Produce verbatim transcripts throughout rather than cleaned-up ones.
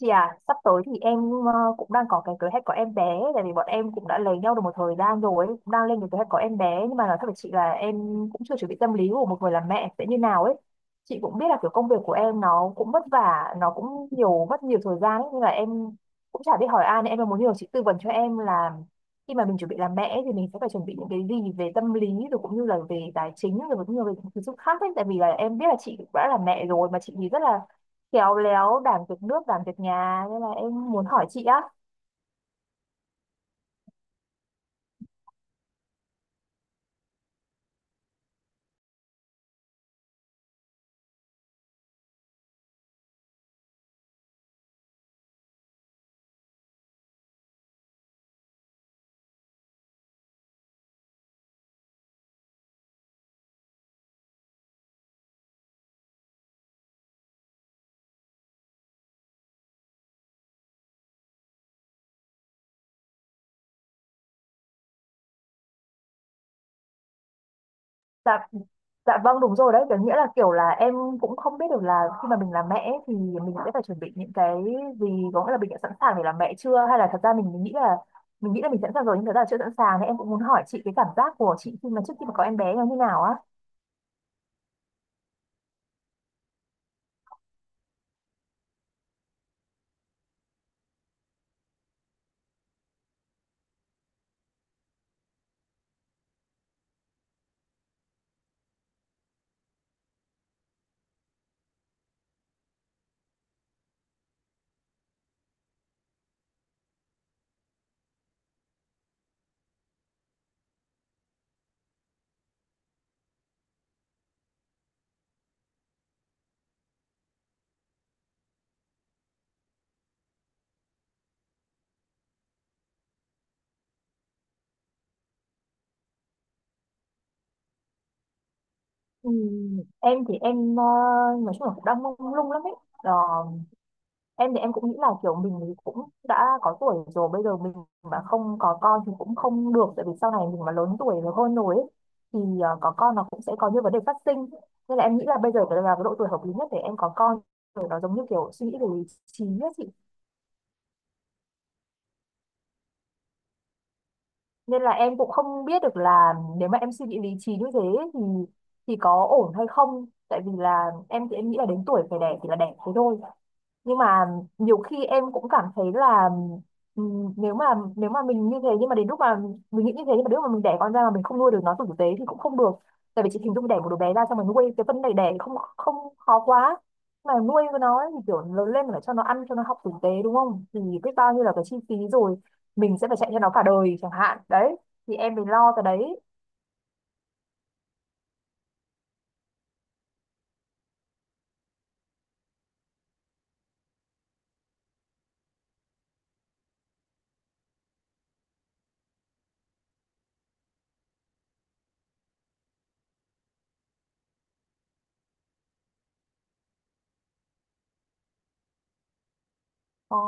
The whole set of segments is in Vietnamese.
Chị à, sắp tới thì em ờ, cũng đang có cái kế hoạch có em bé, tại vì bọn em cũng đã lấy nhau được một thời gian rồi, cũng đang lên cái kế hoạch có em bé. Nhưng mà nói thật với chị là em cũng chưa chuẩn bị tâm lý của một người làm mẹ sẽ như nào ấy. Chị cũng biết là kiểu công việc của em nó cũng vất vả, nó cũng nhiều, mất nhiều thời gian ấy, nhưng mà em cũng chả biết hỏi ai, nên em muốn nhờ chị tư vấn cho em là khi mà mình chuẩn bị làm mẹ ấy, thì mình sẽ phải chuẩn bị những cái gì về tâm lý, rồi cũng như là về tài chính, rồi cũng như là về những thứ khác ấy. Tại vì là em biết là chị cũng đã là mẹ rồi, mà chị thì rất là khéo léo, đảm việc nước đảm việc nhà, nên là em muốn hỏi chị á. Dạ. Dạ vâng, đúng rồi đấy, có nghĩa là kiểu là em cũng không biết được là khi mà mình làm mẹ ấy thì mình sẽ phải chuẩn bị những cái gì, có nghĩa là mình đã sẵn sàng để làm mẹ chưa, hay là thật ra mình, mình nghĩ là mình nghĩ là mình sẵn sàng rồi nhưng thật ra là chưa sẵn sàng. Nên em cũng muốn hỏi chị cái cảm giác của chị khi mà trước khi mà có em bé nó như nào á. Ừm, em thì em ờ, nói chung là cũng đang mông lung lắm ấy. Ờ, em thì em cũng nghĩ là kiểu mình thì cũng đã có tuổi rồi, bây giờ mình mà không có con thì cũng không được, tại vì sau này mình mà lớn tuổi rồi, hơn rồi ấy, thì ờ, có con nó cũng sẽ có những vấn đề phát sinh. Nên là em nghĩ là bây giờ cái- là cái độ tuổi hợp lý nhất để em có con rồi, nó giống như kiểu suy nghĩ về lý trí ấy chị. Nên là em cũng không biết được là nếu mà em suy nghĩ lý trí như thế ấy thì thì có ổn hay không, tại vì là em thì em nghĩ là đến tuổi phải đẻ thì là đẻ thế thôi. Nhưng mà nhiều khi em cũng cảm thấy là ừm, nếu mà nếu mà mình như thế nhưng mà đến lúc mà mình nghĩ như thế nhưng mà đến lúc mà mình đẻ con ra mà mình không nuôi được nó tử tế thì cũng không được. Tại vì chị hình dung, đẻ một đứa bé ra xong rồi nuôi, cái phân này đẻ không không khó quá, mà nuôi với nó ấy thì kiểu lớn lên phải cho nó ăn, cho nó học tử tế đúng không, thì biết bao nhiêu là cái chi phí, rồi mình sẽ phải chạy theo nó cả đời chẳng hạn đấy, thì em phải lo cái đấy. Ồ.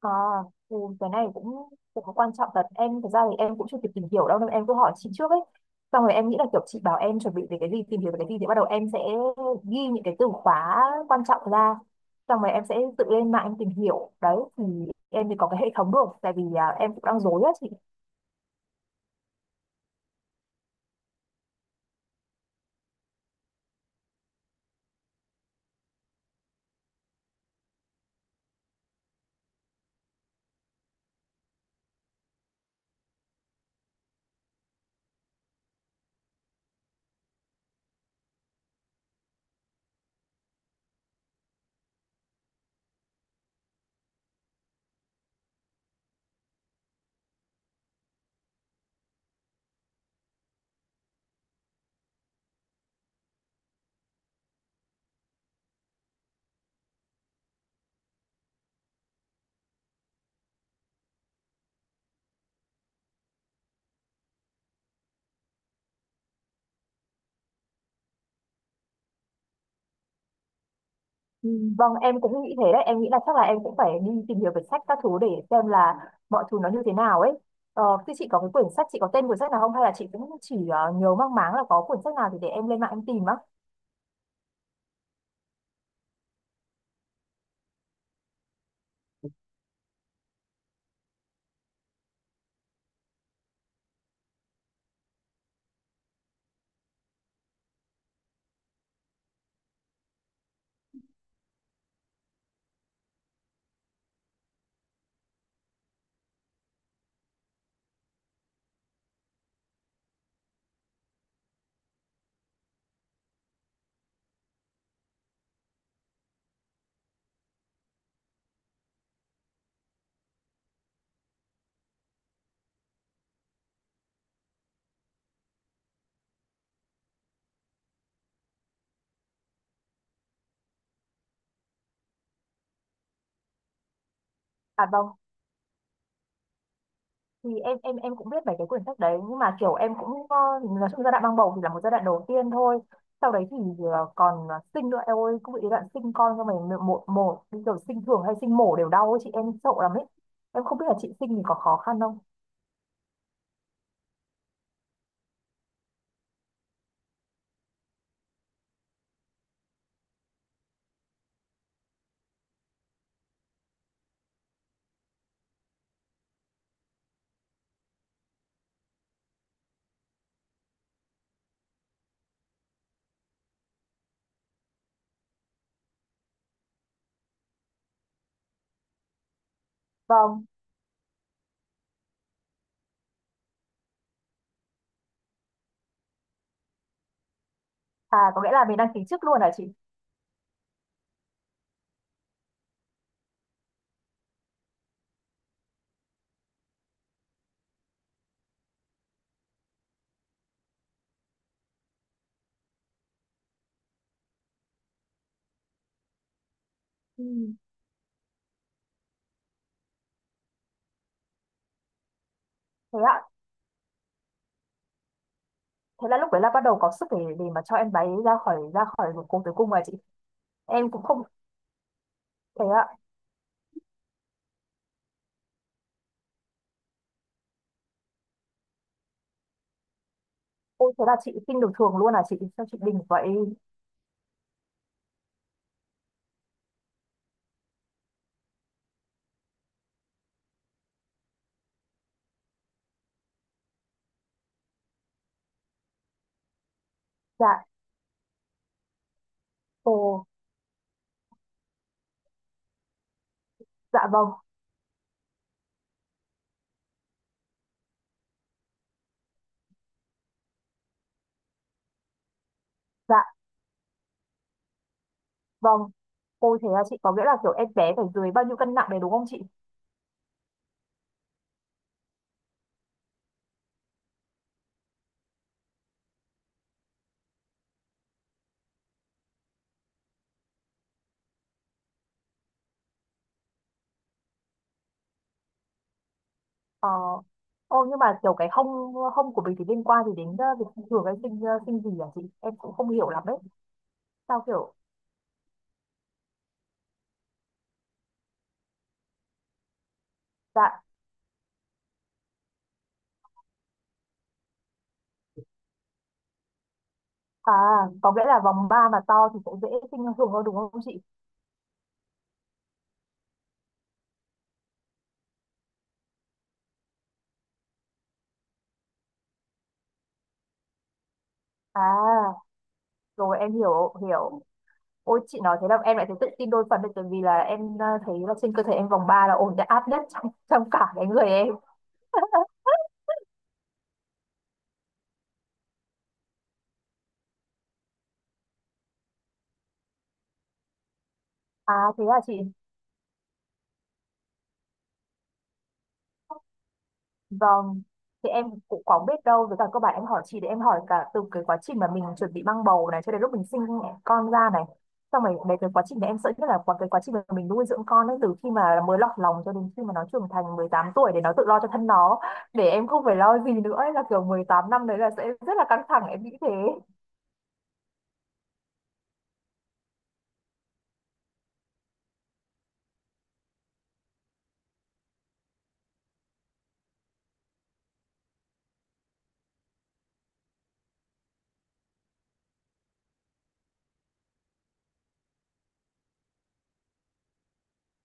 À, ừ, cái này cũng cũng có quan trọng thật em. Thực ra thì em cũng chưa kịp tìm hiểu đâu nên em cứ hỏi chị trước ấy, xong rồi em nghĩ là kiểu chị bảo em chuẩn bị về cái gì, tìm hiểu về cái gì thì bắt đầu em sẽ ghi những cái từ khóa quan trọng ra, xong rồi em sẽ tự lên mạng em tìm hiểu đấy, thì em thì có cái hệ thống được. Tại vì à, em cũng đang rối á chị. Ừ. Vâng, em cũng nghĩ thế đấy. Em nghĩ là chắc là em cũng phải đi tìm hiểu về sách các thứ để xem là mọi thứ nó như thế nào ấy. Ờ, thế chị có cái quyển sách, chị có tên quyển sách nào không? Hay là chị cũng chỉ ờ, nhớ mang máng là có quyển sách nào thì để em lên mạng em tìm á. À vâng, thì em em em cũng biết mấy cái quyển sách đấy, nhưng mà kiểu em cũng ờ, nói chung giai đoạn mang bầu thì là một giai đoạn đầu tiên thôi. Sau đấy thì ờ, còn ờ, sinh nữa em ơi, cũng bị cái đoạn sinh con xong rồi, một một bây giờ sinh thường hay sinh mổ đều đau ấy, chị, em sợ lắm ấy. Em không biết là chị sinh thì có khó khăn không? Vâng. À có nghĩa là mình đăng ký trước luôn hả chị? Ừ. Thế ạ. Thế là lúc đấy là bắt đầu có sức để để mà cho em bé ra khỏi ra khỏi vùng cùng tử cung rồi chị. Em cũng không thế ạ. Ôi thế là chị sinh được thường luôn à chị? Sao chị bình vậy? Dạ. Ồ, dạ vâng. Dạ vâng. Ôi thế là chị, có nghĩa là kiểu em bé phải dưới bao nhiêu cân nặng đấy đúng không chị? Ờ. Ô nhưng mà kiểu cái hông hông của mình thì liên quan gì đến ờ, việc sinh thường hay sinh ờ, sinh gì à chị? Em cũng không hiểu lắm ấy. Sao kiểu dạ à, có nghĩa là vòng ba mà to thì sẽ dễ sinh thường hơn đúng không chị? À, rồi em hiểu hiểu. Ôi chị nói thế là em lại thấy tự tin đôi phần đấy, tại vì là em ờ, thấy là trên cơ thể em vòng ba là ổn đã áp nhất trong, trong cả cái người em. À thế là chị vâng. Thì em cũng có biết đâu, với cả các bạn em, hỏi chị để em hỏi cả từ cái quá trình mà mình chuẩn bị mang bầu này cho đến lúc mình sinh con ra này. Xong rồi về cái quá trình này em sợ nhất là quá cái quá trình mà mình nuôi dưỡng con ấy, từ khi mà mới lọt lòng cho đến khi mà nó trưởng thành mười tám tuổi để nó tự lo cho thân nó, để em không phải lo gì nữa ấy, là kiểu mười tám năm đấy là sẽ rất là căng thẳng em nghĩ thế.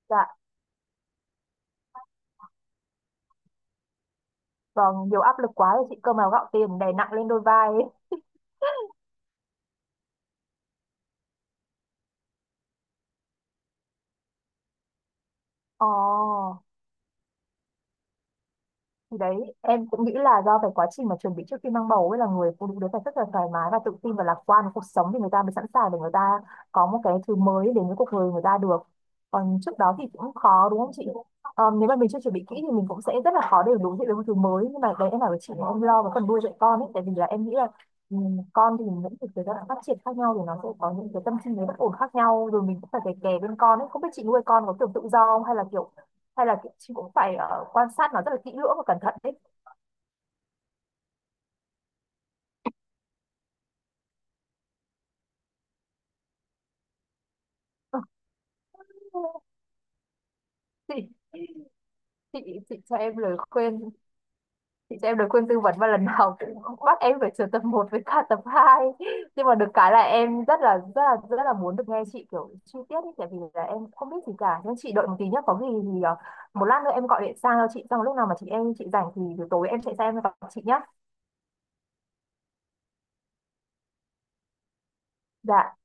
Dạ, vâng, nhiều áp lực quá rồi chị, cơm áo gạo tiền đè nặng lên đôi vai ấy. Ồ. Thì đấy, em cũng nghĩ là do cái quá trình mà chuẩn bị trước khi mang bầu ấy là người phụ nữ đấy phải rất là thoải mái và tự tin và lạc quan với cuộc sống thì người ta mới sẵn sàng để người ta có một cái thứ mới đến với cuộc đời người ta được. Còn trước đó thì cũng khó đúng không chị? Ờ, nếu mà mình chưa chuẩn bị kỹ thì mình cũng sẽ rất là khó để đối diện với một thứ mới. Nhưng mà đấy em bảo với chị là em lo cái phần nuôi dạy con ấy, tại vì là em nghĩ là ừ, con thì những cái giai đoạn phát triển khác nhau thì nó sẽ có những cái tâm sinh lý bất ổn khác nhau, rồi mình cũng phải kè kè bên con ấy. Không biết chị nuôi con có kiểu tự do không, hay là kiểu hay là chị cũng phải ờ, quan sát nó rất là kỹ lưỡng và cẩn thận đấy. chị chị chị cho em lời khuyên, chị cho em lời khuyên tư vấn và lần nào cũng bắt em phải sửa tập một với cả tập hai. Nhưng mà được cái là em rất là rất là rất là muốn được nghe chị kiểu chi tiết ý, tại vì là em không biết gì cả. Nhưng chị đợi một tí nhé, có gì thì ờ, một lát nữa em gọi điện sang cho chị, xong lúc nào mà chị em chị rảnh thì buổi tối em sẽ sang em gặp chị nhé. Dạ.